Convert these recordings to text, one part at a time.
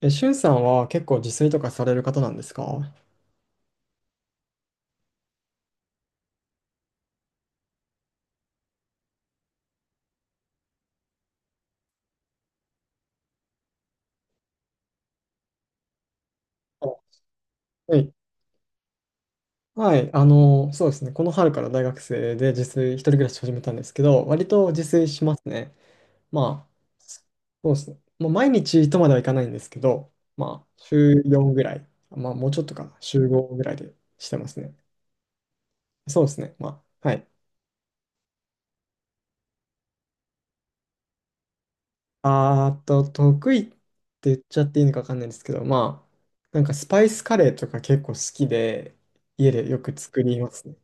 え、しゅんさんは結構自炊とかされる方なんですか？はい。はい。そうですね。この春から大学生で自炊、一人暮らし始めたんですけど、割と自炊しますね。まあ、そうですね。もう毎日とまではいかないんですけど、まあ、週4ぐらい、まあ、もうちょっとかな、週5ぐらいでしてますね。そうですね。まあ、はい。あーと、得意って言っちゃっていいのかわかんないんですけど、まあ、なんかスパイスカレーとか結構好きで、家でよく作りますね。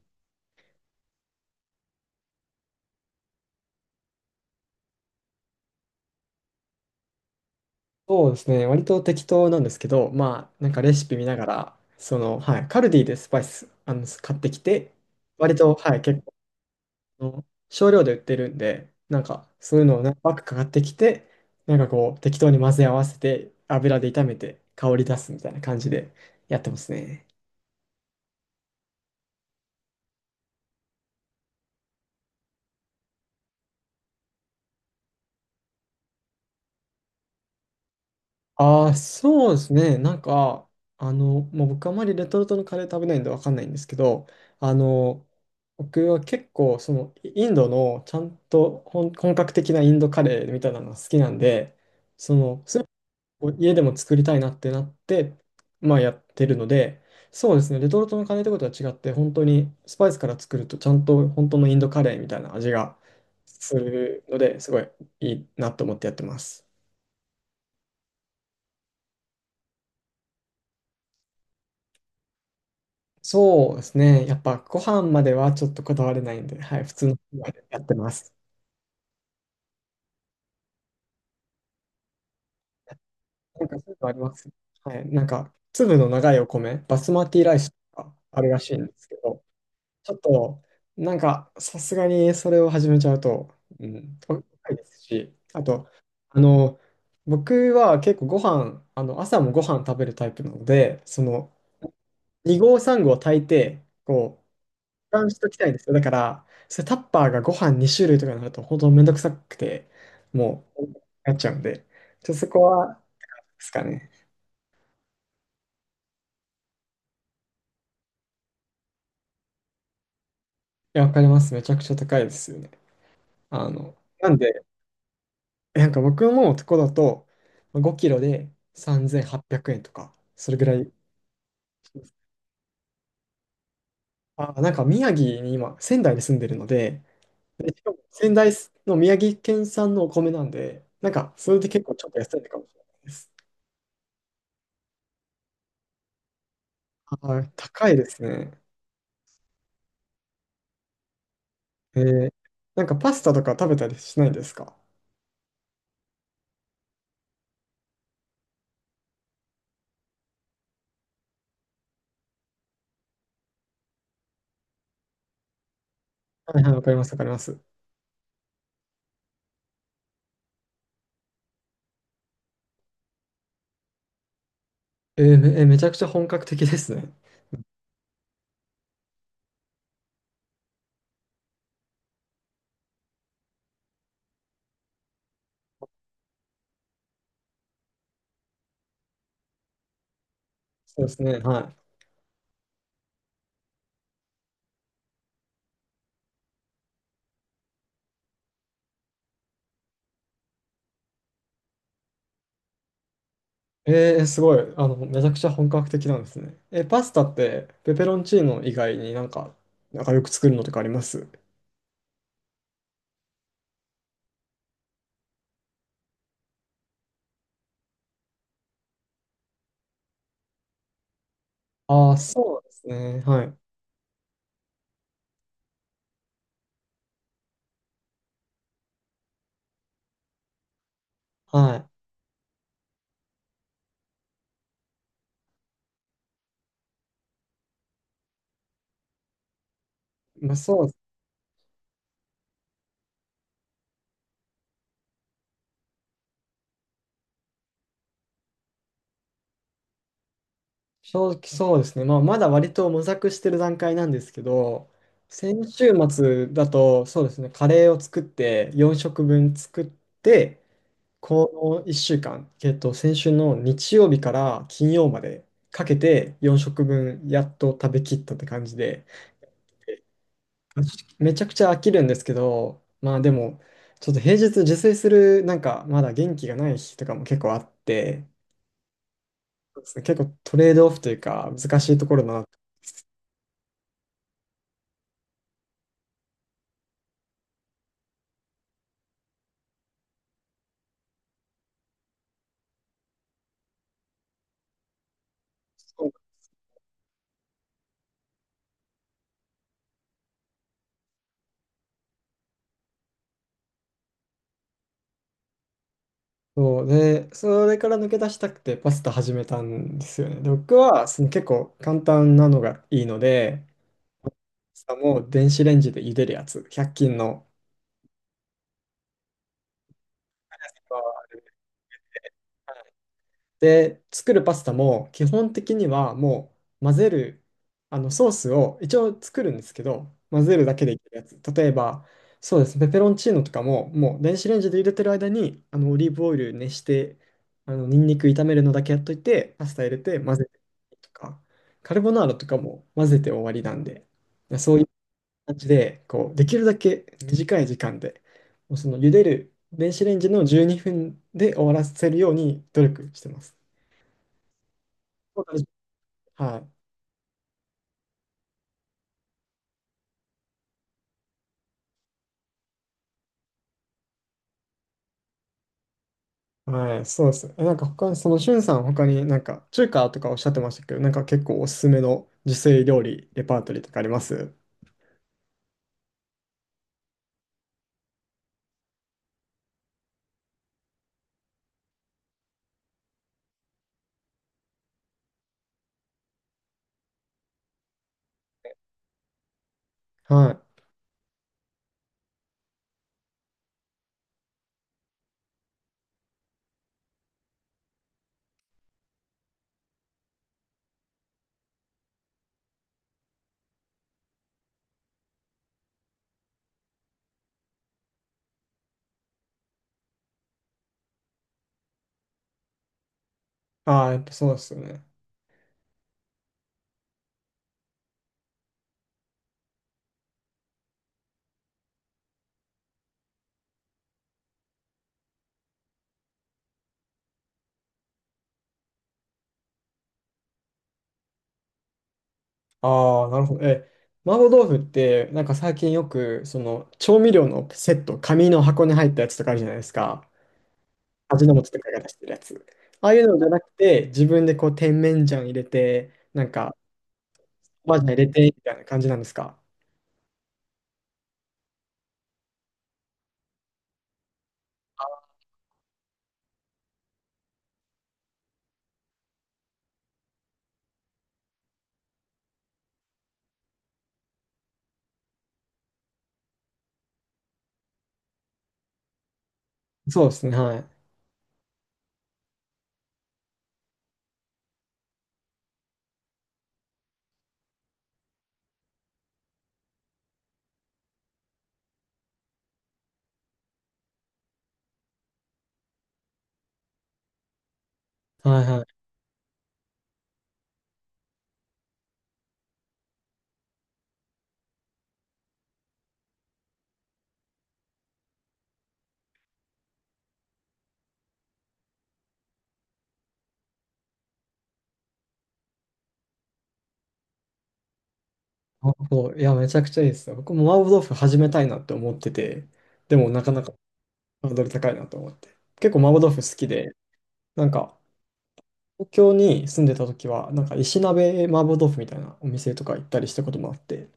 そうですね。割と適当なんですけど、まあ、なんかレシピ見ながら、はい、カルディでスパイス、買ってきて、割と、はい、結構あの少量で売ってるんで、なんかそういうのを何パックかかってきて、なんかこう適当に混ぜ合わせて油で炒めて香り出すみたいな感じでやってますね。ああ、そうですね。なんか、もう僕あまりレトルトのカレー食べないんでわかんないんですけど、あの、僕は結構インドのちゃんと本格的なインドカレーみたいなのが好きなんで、その、そうこう家でも作りたいなってなって、まあやってるので、そうですね、レトルトのカレーってことは違って、本当にスパイスから作ると、ちゃんと本当のインドカレーみたいな味がするので、すごいいいなと思ってやってます。そうですね、やっぱご飯まではちょっとこだわれないんで、はい、普通の米でやってます。なんかそういうのあります。はい、なんか粒の長いお米、バスマティライスとかあるらしいんですけど、ちょっと、なんか、さすがにそれを始めちゃうと、うん、高いですし、あと、あの、僕は結構ご飯、朝もご飯食べるタイプなので、2合3合炊いて、保管しときたいんですよ。だから、それタッパーがご飯2種類とかになると、本当めんどくさくて、もう、なっちゃうんで、ちょっとそこは、ですかね。いや、わかります。めちゃくちゃ高いですよね。なんで、なんか僕のとこだとまあ5キロで3800円とか、それぐらいします。あ、なんか宮城に今、仙台に住んでるので、でしかも仙台の宮城県産のお米なんで、なんかそれで結構ちょっと安いのかもしれないです。はい、高いですね。えーなんかパスタとか食べたりしないですか？はいはい、わかります、わかります。えーめ、えーめちゃくちゃ本格的ですね。そうですね、はい。すごい。めちゃくちゃ本格的なんですね。え、パスタって、ペペロンチーノ以外になんかよく作るのとかあります？ああー、そうですね。はい。はい。まあ、そう、正直そうですね。まあ、まだ割と模索してる段階なんですけど、先週末だと、そうですね、カレーを作って、4食分作って、この1週間、先週の日曜日から金曜までかけて、4食分やっと食べきったって感じで、めちゃくちゃ飽きるんですけど、まあでも、ちょっと平日自炊する、なんかまだ元気がない日とかも結構あって、そうですね、結構トレードオフというか難しいところだなって。そうで、それから抜け出したくてパスタ始めたんですよね。で、僕は結構簡単なのがいいので、パスタも電子レンジで茹でるやつ、100均の。で、作るパスタも基本的にはもう混ぜる、ソースを一応作るんですけど、混ぜるだけでいけるやつ。例えば、そうですね、ペペロンチーノとかも、もう電子レンジで入れてる間に、オリーブオイル熱して、ニンニク炒めるのだけやっといて、パスタ入れて混ぜてとか、カルボナーラとかも混ぜて終わりなんで、いやそういう感じで、できるだけ短い時間で、もうその茹でる電子レンジの12分で終わらせるように努力してます。そうです。はい。はい、そうですね。え、なんか他、しゅんさん、他になんか中華とかおっしゃってましたけど、なんか結構おすすめの自炊料理、レパートリーとかあります？はい。ああ、やっぱそうですよね。ああ、なるほど。え、麻婆豆腐って、なんか最近よく、その調味料のセット、紙の箱に入ったやつとかあるじゃないですか。味の素とかが出してるやつ。ああいうのじゃなくて、自分で甜麺醤入れて、なんか、麻醤入れて、みたいな感じなんですか？そうですね、はい。はいはい。いや、めちゃくちゃいいですよ。僕も麻婆豆腐始めたいなって思ってて、でもなかなかハードル高いなと思って。結構麻婆豆腐好きで、なんか、東京に住んでた時は、なんか石鍋麻婆豆腐みたいなお店とか行ったりしたこともあって、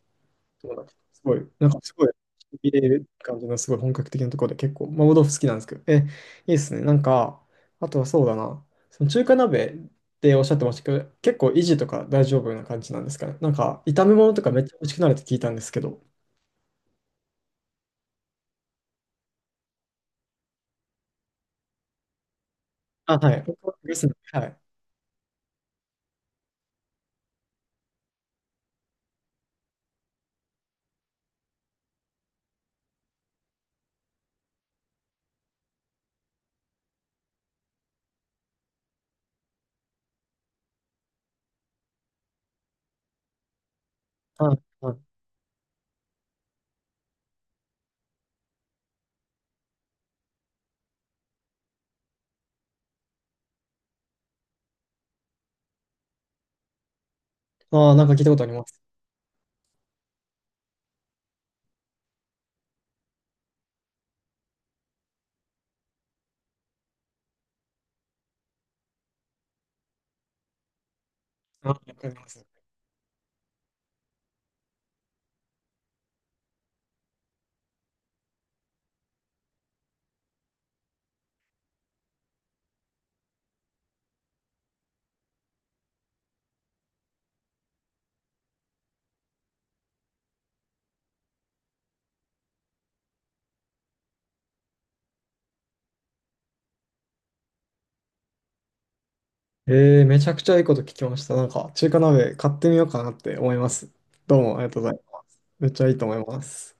そうなんです、すごい、なんかすごい、入れる感じのすごい本格的なところで結構麻婆豆腐好きなんですけど、え、いいですね。なんか、あとはそうだな、その中華鍋っておっしゃってましたけど、結構維持とか大丈夫な感じなんですかね。なんか、炒め物とかめっちゃ美味しくなるって聞いたんですけど、あ、はい。僕はグスの、はい。はい。はい。ああ、なんか聞いたことあります。あ、わかります。めちゃくちゃいいこと聞きました。なんか、中華鍋買ってみようかなって思います。どうもありがとうございます。めっちゃいいと思います。